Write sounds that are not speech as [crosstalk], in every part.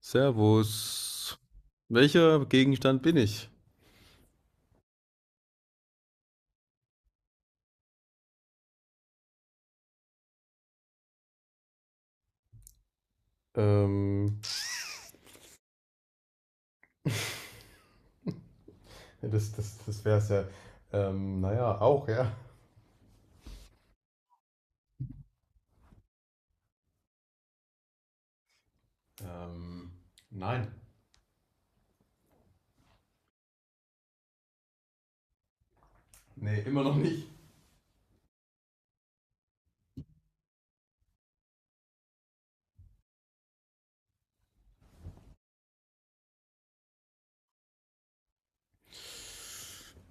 Servus. Welcher Gegenstand bin ich? Ähm, ja, das wäre es ja. Auch, ja. Ähm, nein. Nee, immer noch nicht.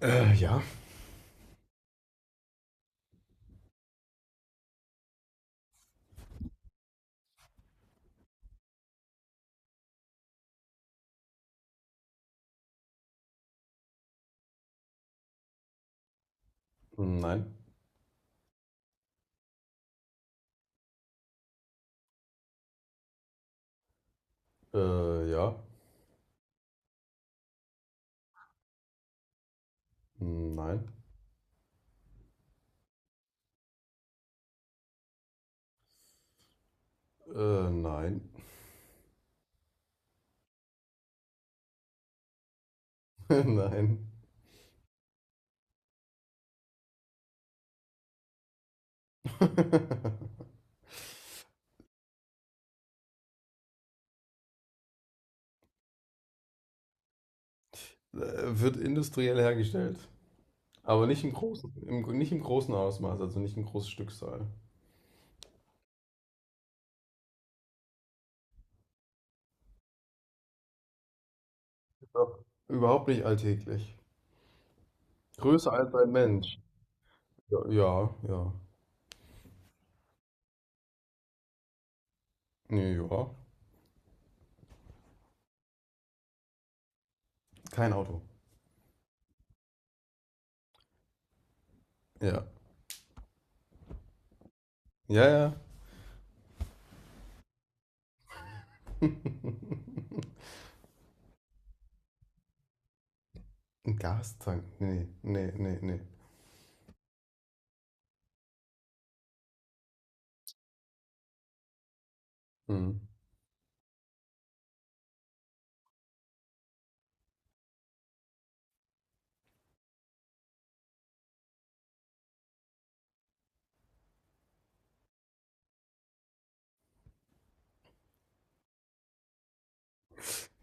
Ja. Nein. Ja. Nein. Nein. [laughs] Nein. [laughs] Wird industriell hergestellt. Aber nicht im großen, nicht im großen Ausmaß, also nicht im großen Stückzahl. Ist auch überhaupt nicht alltäglich. Größer als ein Mensch. Ja, ja, ja. Nee, ja. Kein Auto. Ja. Ja, ja. [laughs] Ein Gastank. Nee, nee, nee, nee. Hm.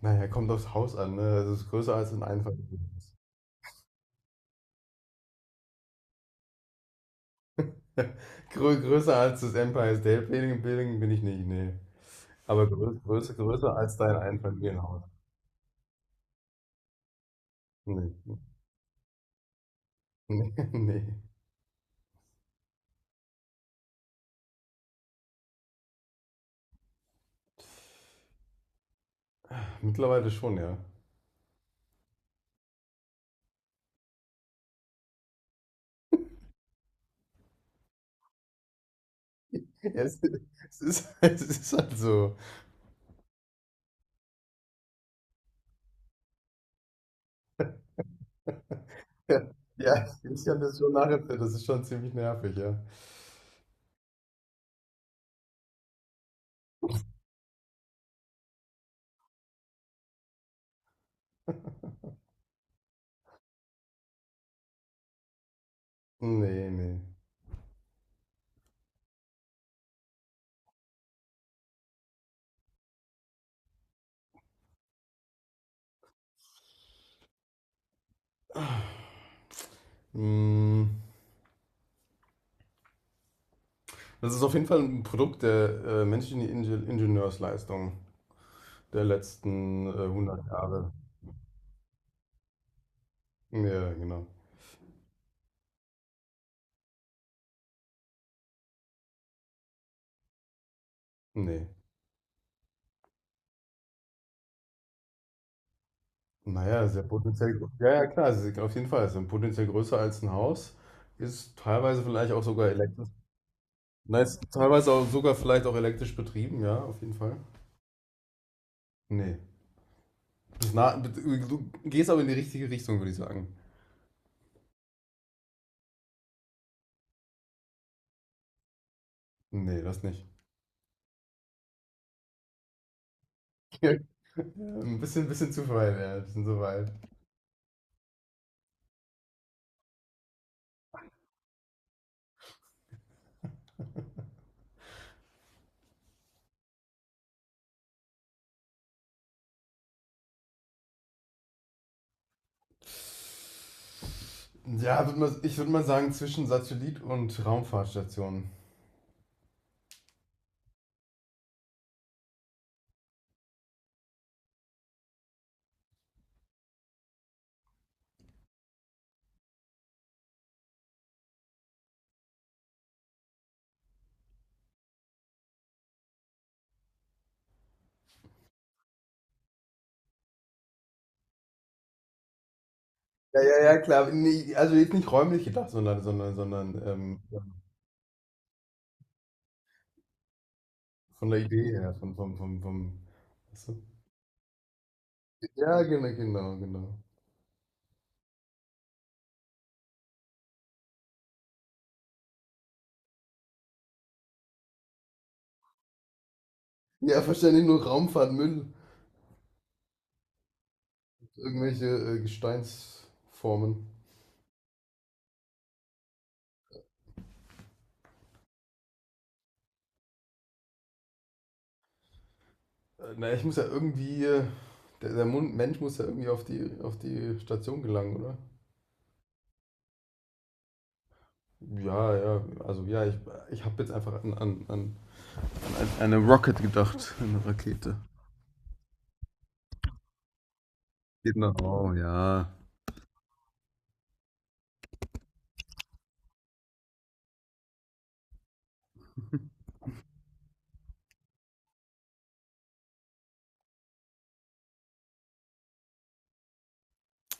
Naja, kommt aufs Haus an, ne? Es ist größer als ein Einfamilienhaus. [laughs] Größer als das Empire State Building, Building bin ich nicht, nee. Aber größer als dein Einfamilienhaus. Nee. Nee, [laughs] nee. Mittlerweile schon, ja. [laughs] Ja, Es, Es ist, [laughs] es ist halt so. [laughs] Ja, ja, ich kann das schon nachempfinden. Das ist schon ziemlich nervig, ja. Nee, nee. Mm, das ist auf jeden Fall ein Produkt der menschlichen Ingenieursleistung der letzten 100 Jahre. Ja, genau. Nee. Naja, sehr potenziell. Ja, ja, klar, sie sind auf jeden Fall. Es sind potenziell größer als ein Haus. Ist teilweise vielleicht auch sogar elektrisch. Nein, ist teilweise auch sogar vielleicht auch elektrisch betrieben, ja, auf jeden Fall. Nee. Das na, du gehst aber in die richtige Richtung, würde ich sagen. Nee, das nicht. [laughs] Bisschen zu weit, ja, ein bisschen zu weit. Ja, ich würde mal sagen, zwischen Satellit und Raumfahrtstation. Ja, ja, ja, klar. Nee, also jetzt nicht räumlich gedacht, sondern von der Idee her, vom. Weißt du? Ja, genau. Ja, verständlich nur Raumfahrt, Müll, irgendwelche Gesteinsformen. Ich muss ja irgendwie, der Mensch muss ja irgendwie auf auf die Station gelangen, oder? Ja, ja, also ja, ich habe jetzt einfach an eine Rocket gedacht, eine Rakete. Genau, oh ja.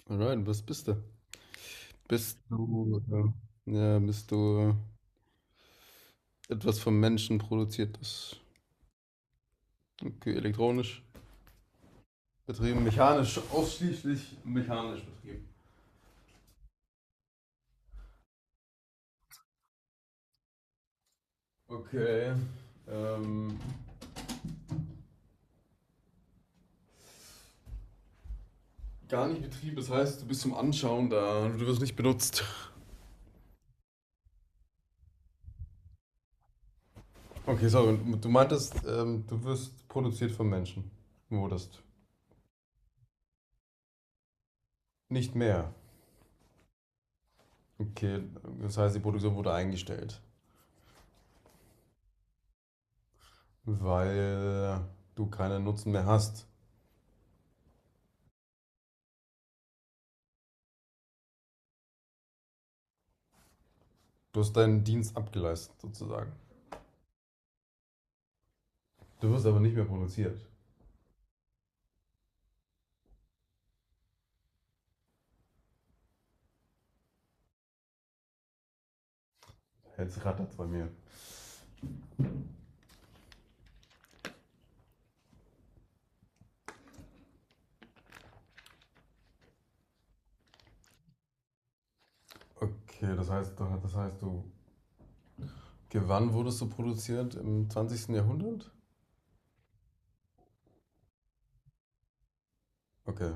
Alright, was bist du? Bist du, ja, Bist du etwas vom Menschen produziertes, okay, elektronisch betrieben, mechanisch, ausschließlich mechanisch betrieben. Okay, ähm, gar nicht betrieben, das heißt, du bist zum Anschauen da, du wirst nicht benutzt. Okay, sorry, du meintest, du wirst produziert vom Menschen, wurdest. Nicht mehr. Okay, das heißt, die Produktion wurde eingestellt, weil du keinen Nutzen mehr hast. Du hast deinen Dienst abgeleistet, sozusagen. Du wirst aber nicht mehr produziert. Jetzt rattert's bei mir. Okay, das heißt, du. Wann wurdest du produziert? Im zwanzigsten Jahrhundert? Okay.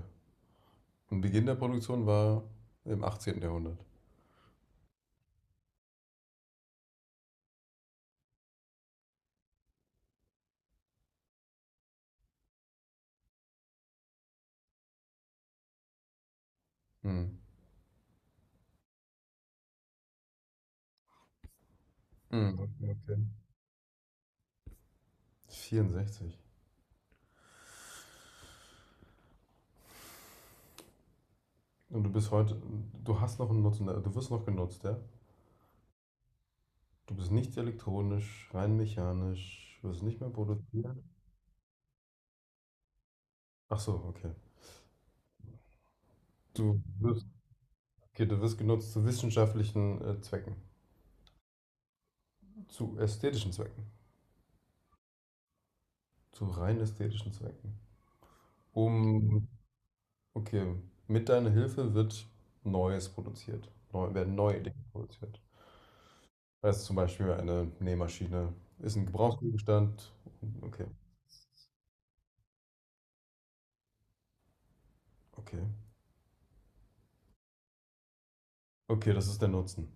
Und Beginn der Produktion war im achtzehnten Jahrhundert. Hm. Hm. Okay. 64. Und du bist heute, du hast noch einen Nutzen, du wirst noch genutzt, ja? Du bist nicht elektronisch, rein mechanisch, wirst nicht mehr produziert. Ach so, okay. Du wirst, okay, du wirst genutzt zu wissenschaftlichen Zwecken, zu ästhetischen Zwecken, zu rein ästhetischen Zwecken. Um, okay, mit deiner Hilfe wird Neues produziert, werden neue Dinge produziert. Also zum Beispiel eine Nähmaschine ist ein Gebrauchsgegenstand. Okay, okay. Okay, das ist der Nutzen.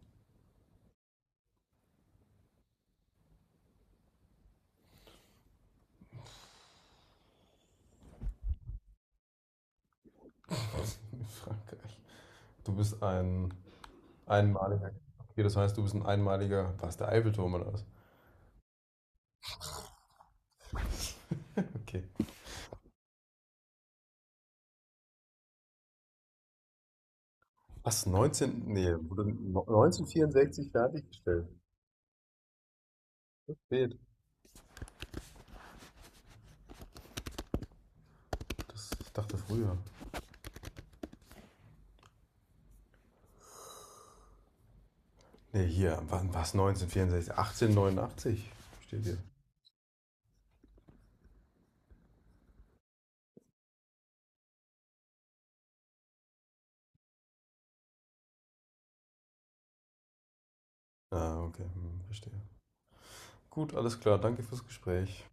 [laughs] Frankreich. Du bist ein Einmaliger. Okay, das heißt, du bist ein einmaliger. Was, der Eiffelturm oder was? Okay. Was, 19. Nee, wurde 1964 fertiggestellt. Spät. Das, ich dachte früher. Nee, hier. Wann, was, 1964? 1889 steht hier. Ah, okay. Hm, verstehe. Gut, alles klar. Danke fürs Gespräch.